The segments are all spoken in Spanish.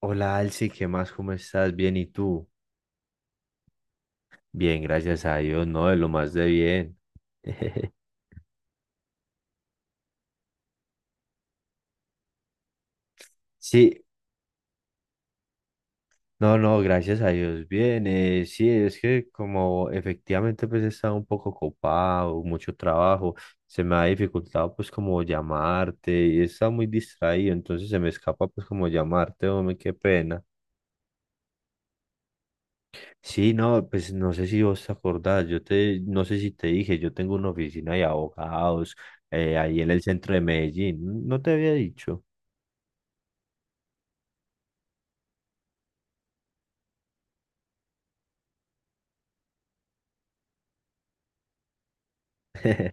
Hola Alci, ¿qué más? ¿Cómo estás? Bien, ¿y tú? Bien, gracias a Dios, no, de lo más de bien. Sí, no, no, gracias a Dios, bien. Sí, es que como efectivamente pues he estado un poco ocupado, mucho trabajo, se me ha dificultado pues como llamarte y he estado muy distraído, entonces se me escapa pues como llamarte, hombre, qué pena. Sí, no, pues no sé si vos te acordás, no sé si te dije, yo tengo una oficina de abogados ahí en el centro de Medellín, no te había dicho.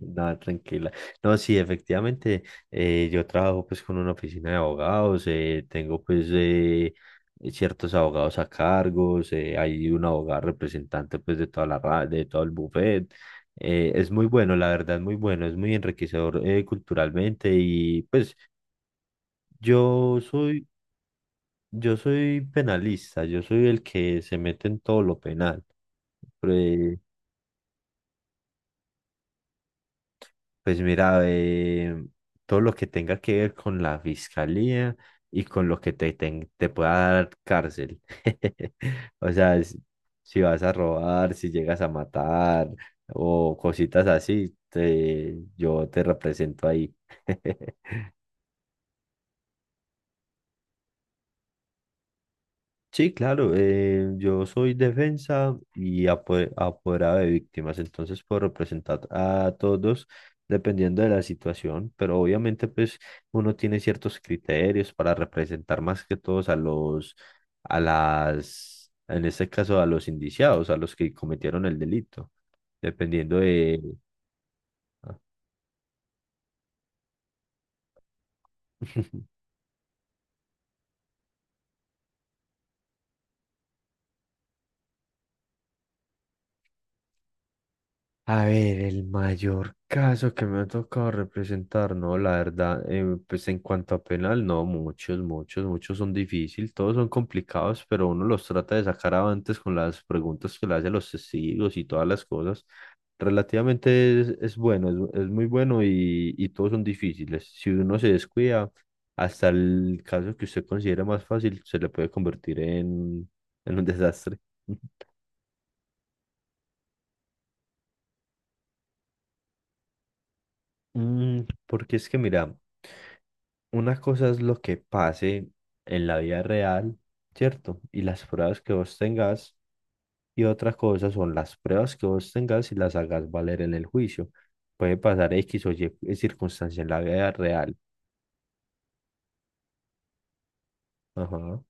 No, tranquila. No, sí, efectivamente, yo trabajo pues con una oficina de abogados, tengo pues ciertos abogados a cargos, hay un abogado representante pues de toda la ra- de todo el buffet. Es muy bueno, la verdad, muy bueno, es muy enriquecedor culturalmente y pues yo soy, yo soy penalista, yo soy el que se mete en todo lo penal. Pues mira, todo lo que tenga que ver con la fiscalía y con lo que te pueda dar cárcel. O sea, si vas a robar, si llegas a matar o cositas así, yo te represento ahí. Sí, claro, yo soy defensa y apoderado de víctimas, entonces puedo representar a todos dependiendo de la situación, pero obviamente pues uno tiene ciertos criterios para representar más que todos a los, en este caso a los indiciados, a los que cometieron el delito, dependiendo de. A ver, el mayor caso que me ha tocado representar, no, la verdad, pues en cuanto a penal, no, muchos, muchos, muchos son difíciles, todos son complicados, pero uno los trata de sacar avantes con las preguntas que le hacen los testigos y todas las cosas. Relativamente es bueno, es muy bueno y todos son difíciles. Si uno se descuida, hasta el caso que usted considere más fácil, se le puede convertir en un desastre. Porque es que mira. Una cosa es lo que pase en la vida real, ¿cierto? Y las pruebas que vos tengas, y otra cosa son las pruebas que vos tengas y las hagas valer en el juicio. Puede pasar X o Y circunstancia en la vida real. Ajá.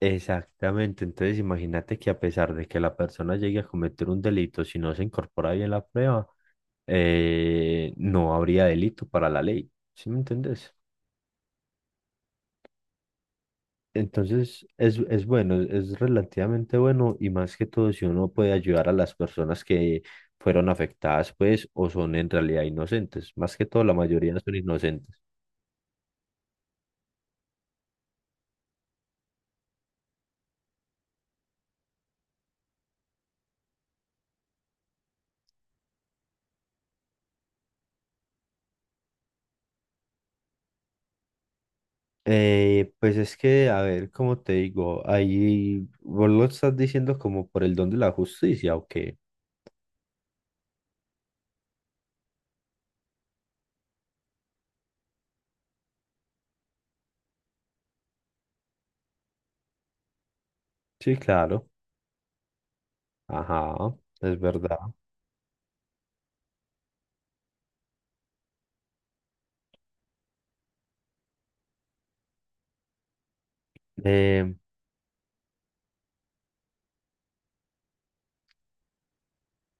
Exactamente, entonces imagínate que a pesar de que la persona llegue a cometer un delito, si no se incorpora bien la prueba, no habría delito para la ley, ¿sí me entendés? Entonces es bueno, es relativamente bueno y más que todo si uno puede ayudar a las personas que fueron afectadas pues o son en realidad inocentes, más que todo la mayoría son inocentes. Pues es que, a ver, como te digo, ahí vos lo estás diciendo como por el don de la justicia, ¿o qué? Sí, claro, ajá, es verdad. Eh,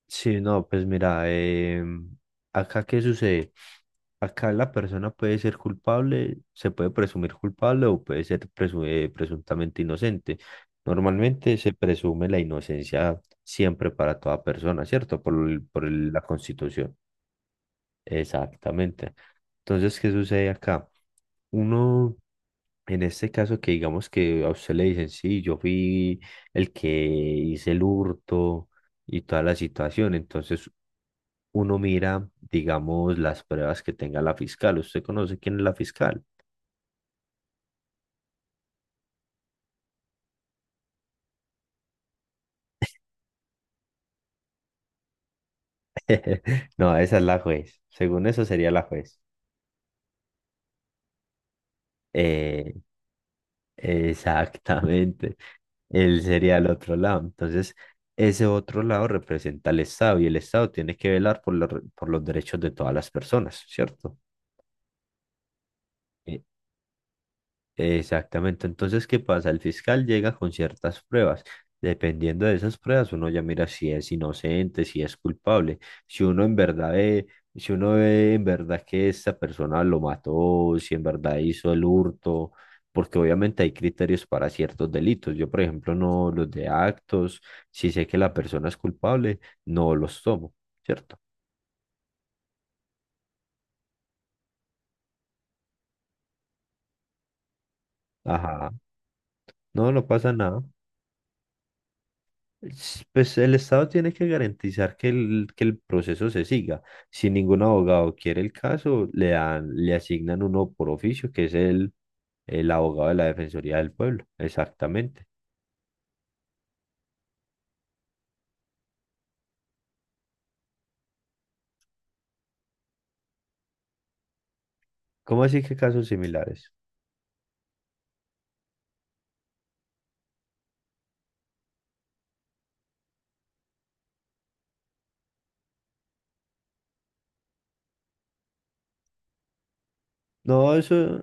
sí, no, pues mira, acá qué sucede. Acá la persona puede ser culpable, se puede presumir culpable o puede ser presuntamente inocente. Normalmente se presume la inocencia siempre para toda persona, ¿cierto? Por la Constitución. Exactamente. Entonces, ¿qué sucede acá? Uno, en este caso que digamos que a usted le dicen, sí, yo fui el que hice el hurto y toda la situación, entonces uno mira, digamos, las pruebas que tenga la fiscal. ¿Usted conoce quién es la fiscal? No, esa es la juez. Según eso sería la juez. Eh, exactamente. Él sería el otro lado. Entonces, ese otro lado representa al Estado y el Estado tiene que velar por los derechos de todas las personas, ¿cierto? E- Exactamente. Entonces, ¿qué pasa? El fiscal llega con ciertas pruebas. Dependiendo de esas pruebas, uno ya mira si es inocente, si es culpable. Si uno en verdad ve, si uno ve en verdad que esta persona lo mató, si en verdad hizo el hurto, porque obviamente hay criterios para ciertos delitos. Yo, por ejemplo, no los de actos, si sé que la persona es culpable, no los tomo, ¿cierto? Ajá. No, no pasa nada. Pues el Estado tiene que garantizar que el proceso se siga. Si ningún abogado quiere el caso, le asignan uno por oficio, que es el abogado de la Defensoría del Pueblo. Exactamente. ¿Cómo así que casos similares? No, eso,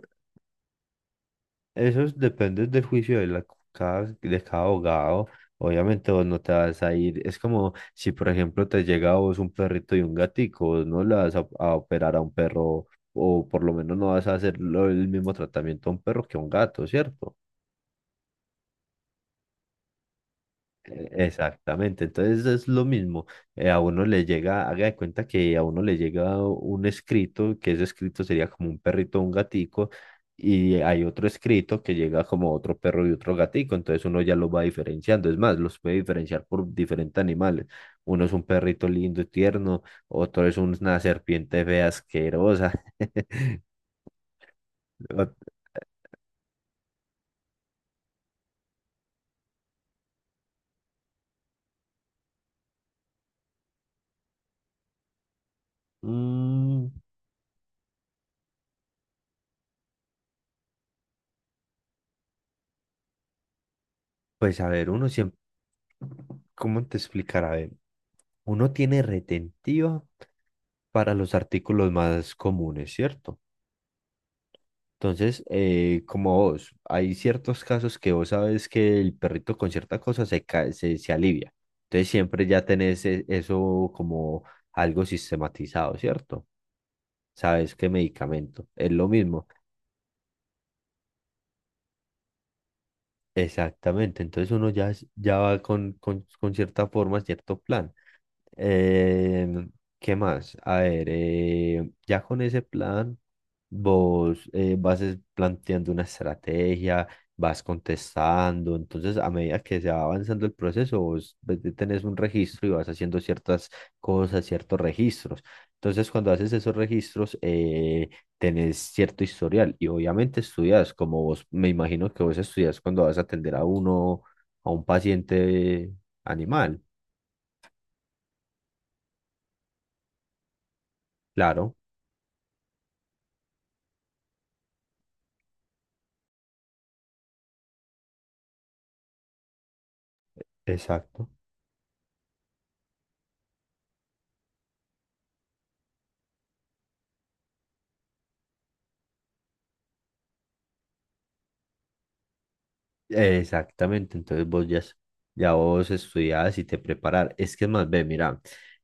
Eso es- depende del juicio de cada abogado. Obviamente vos no te vas a ir. Es como si, por ejemplo, te llega a vos un perrito y un gatico, vos no le vas a operar a un perro o por lo menos no vas a hacer el mismo tratamiento a un perro que a un gato, ¿cierto? Exactamente, entonces es lo mismo, a uno le llega, haga de cuenta que a uno le llega un escrito, que ese escrito sería como un perrito o un gatico, y hay otro escrito que llega como otro perro y otro gatico, entonces uno ya lo va diferenciando, es más, los puede diferenciar por diferentes animales, uno es un perrito lindo y tierno, otro es una serpiente fea asquerosa, ot- Mm, pues a ver, ¿cómo te explicará? Uno tiene retentiva para los artículos más comunes, ¿cierto? Entonces, como vos, hay ciertos casos que vos sabes que el perrito con cierta cosa se alivia. Entonces, siempre ya tenés eso como algo sistematizado, ¿cierto? Sabes qué medicamento. Es lo mismo. Exactamente. Entonces, uno ya va con cierta forma, cierto plan. Eh, ¿qué más? A ver, ya con ese plan, vos vas planteando una estrategia, vas contestando, entonces a medida que se va avanzando el proceso, vos pues, tenés un registro y vas haciendo ciertas cosas, ciertos registros. Entonces, cuando haces esos registros, tenés cierto historial y obviamente estudias, como vos, me imagino que vos estudias cuando vas a atender a un paciente animal. Claro, exacto. Exactamente, entonces ya vos estudiás y te preparar. Es que es más, ve, mira,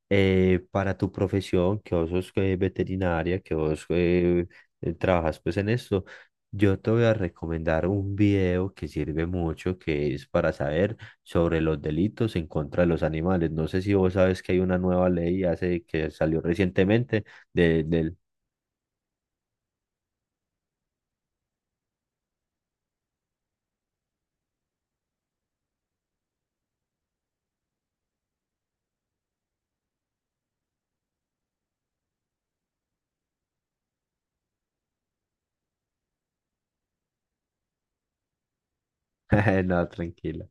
para tu profesión, que vos sos veterinaria, que vos trabajas pues en esto, yo te voy a recomendar un video que sirve mucho, que es para saber sobre los delitos en contra de los animales. No sé si vos sabes que hay una nueva ley que salió recientemente del. No, tranquilo.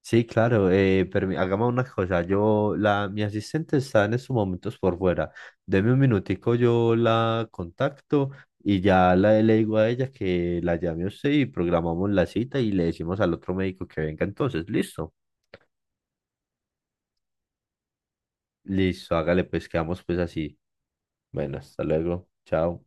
Sí, claro, hagamos una cosa, mi asistente está en estos momentos por fuera, deme un minutico, yo la contacto y ya le digo a ella que la llame a usted y programamos la cita y le decimos al otro médico que venga entonces, listo, listo, hágale pues, quedamos pues así, bueno, hasta luego, chao.